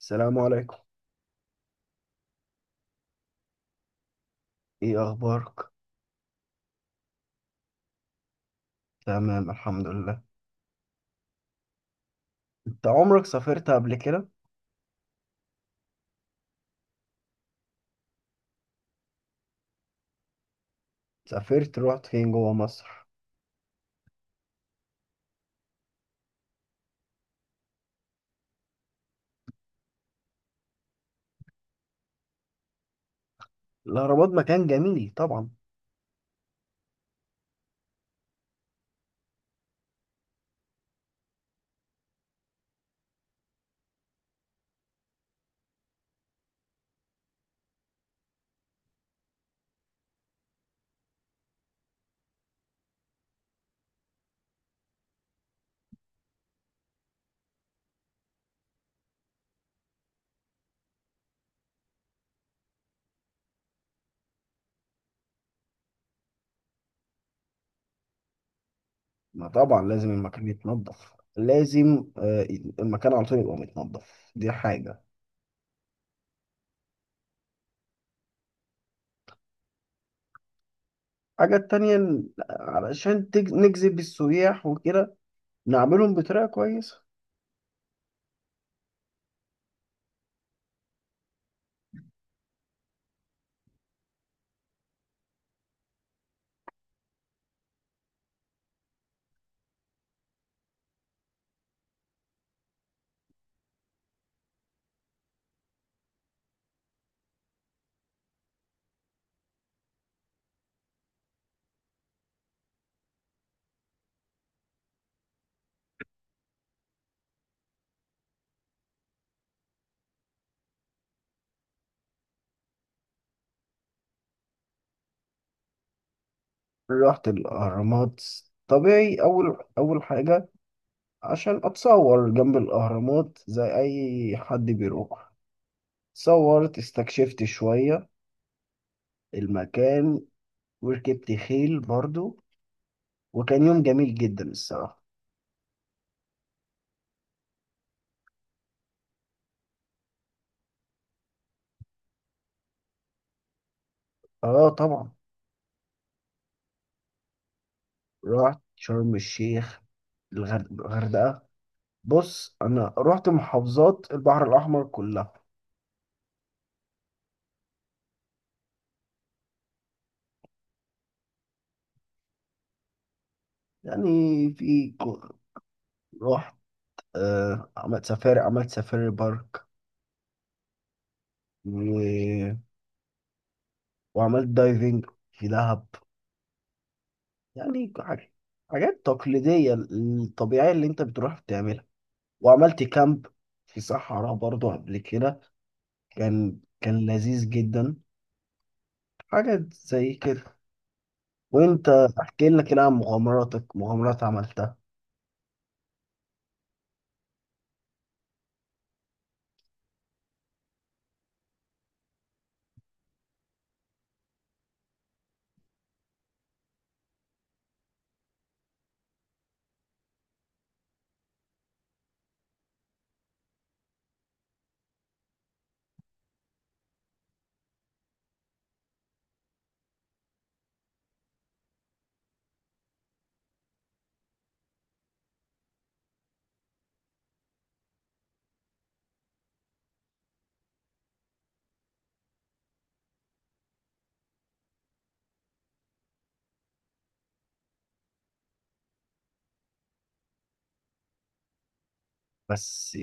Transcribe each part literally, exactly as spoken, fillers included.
السلام عليكم. ايه اخبارك؟ تمام، الحمد لله. انت عمرك سافرت قبل كده؟ سافرت رحت فين جوه مصر؟ الاهرامات مكان جميل طبعا. ما طبعا لازم المكان يتنضف، لازم. آه، المكان على طول يبقى متنضف. دي حاجه. الحاجه التانية إن- علشان تج- نجذب السياح وكده، نعملهم بطريقه كويسه. رحت الاهرامات. طبيعي، اول اول حاجه عشان اتصور جنب الاهرامات زي اي حد بيروح. صورت، استكشفت شوية المكان، وركبت خيل برضو. وكان يوم جميل جدا الصراحة. اه، طبعا. رحت شرم الشيخ، الغر- الغردقة. بص، انا رحت محافظات البحر الاحمر كلها. يعني في ك- رحت آه عملت سفاري عملت سفاري بارك، و... وعملت دايفنج في دهب. يعني حاجة- حاجات تقليدية، الطبيعية اللي انت بتروح بتعملها. وعملت كامب في صحراء برضو قبل كده. كان كان لذيذ جدا. حاجة زي كده. وانت احكي لنا كده عن مغامراتك، مغامرات عملتها. بس.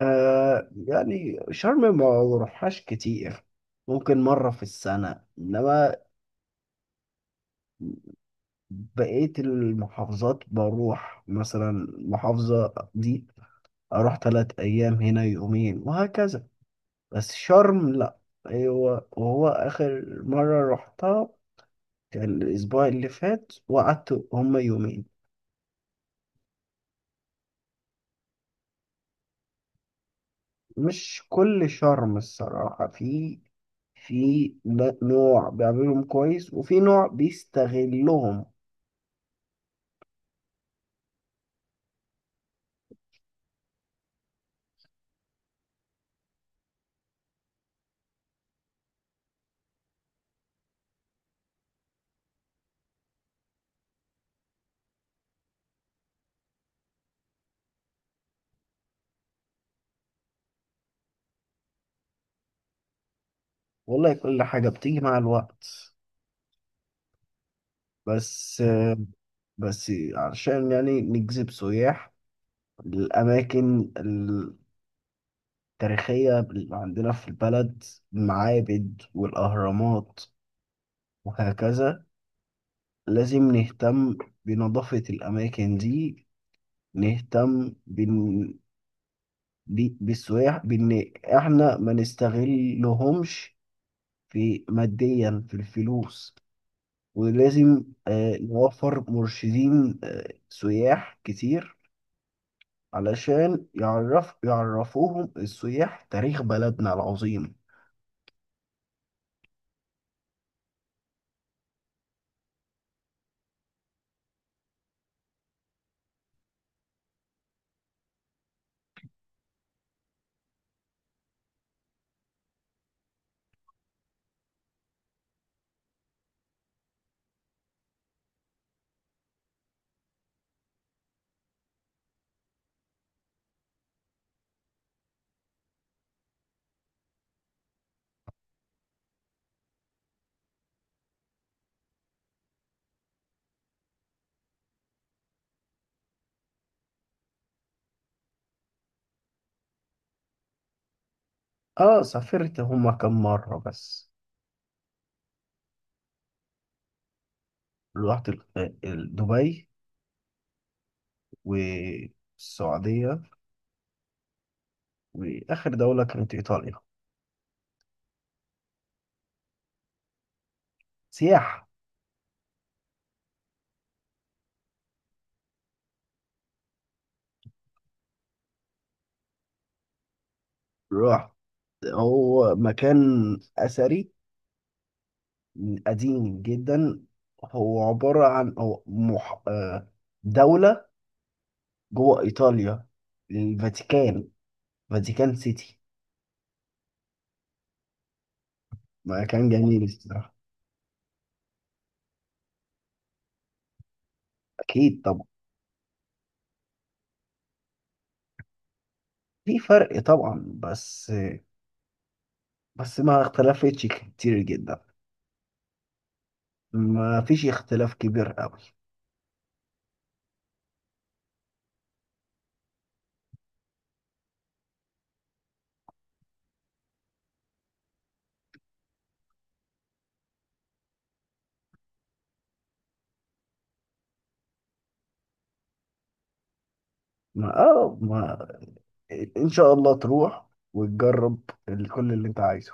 آه يعني شرم ما بروحهاش كتير، ممكن مرة في السنة. إنما بقية المحافظات بروح، مثلا المحافظة دي أروح تلات أيام، هنا يومين، وهكذا. بس شرم لأ. أيوة. وهو آخر مرة رحتها الأسبوع اللي فات وقعدت هما يومين. مش كل شرم الصراحة. في في ن- نوع بيعملهم كويس وفي نوع بيستغلهم. والله كل حاجة بتيجي مع الوقت، بس بس عشان يعني نجذب سياح للأماكن التاريخية اللي عندنا في البلد، المعابد والأهرامات وهكذا، لازم نهتم بنظافة الأماكن دي. نهتم بإن بي- بالسياح، بإن إحنا ما نستغلهمش في ماديا في الفلوس. ولازم آه، نوفر مرشدين، آه، سياح كتير، علشان يعرف يعرفوهم السياح تاريخ بلدنا العظيم. آه سافرت هما كم مرة بس. رحت ال- آه، ال- دبي والسعودية، وآخر دولة كانت إيطاليا. سياحة. رحت هو مكان أثري قديم جدا. هو عبارة عن أو مح... آه، دولة جوه إيطاليا، الفاتيكان فاتيكان سيتي. مكان جميل الصراحة. أكيد طبعا. في فرق طبعا، بس بس ما اختلفتش كتير جدا. ما فيش اختلاف كبير قوي. ما آه ما إن شاء الله تروح وتجرب ال- كل اللي أنت عايزه.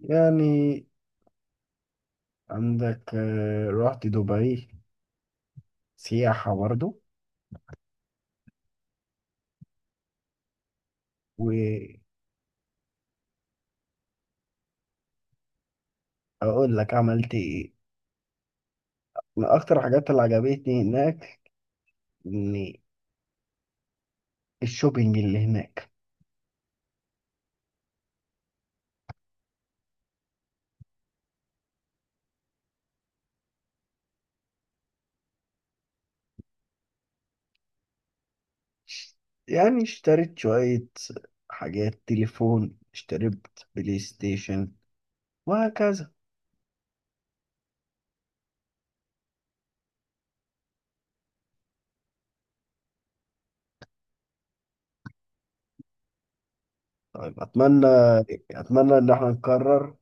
يعني عندك، آه، رحت دبي سياحة برضه. و اقول لك عملت ايه. من اكتر الحاجات اللي عجبتني هناك ان الشوبينج اللي هناك. يعني اشتريت شوية حاجات، تليفون، اشتريت بلاي ستيشن، وهكذا. طيب، اتمنى اتمنى ان احنا نكرر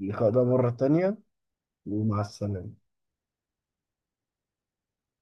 اللقاء ده مرة تانية. ومع السلامة.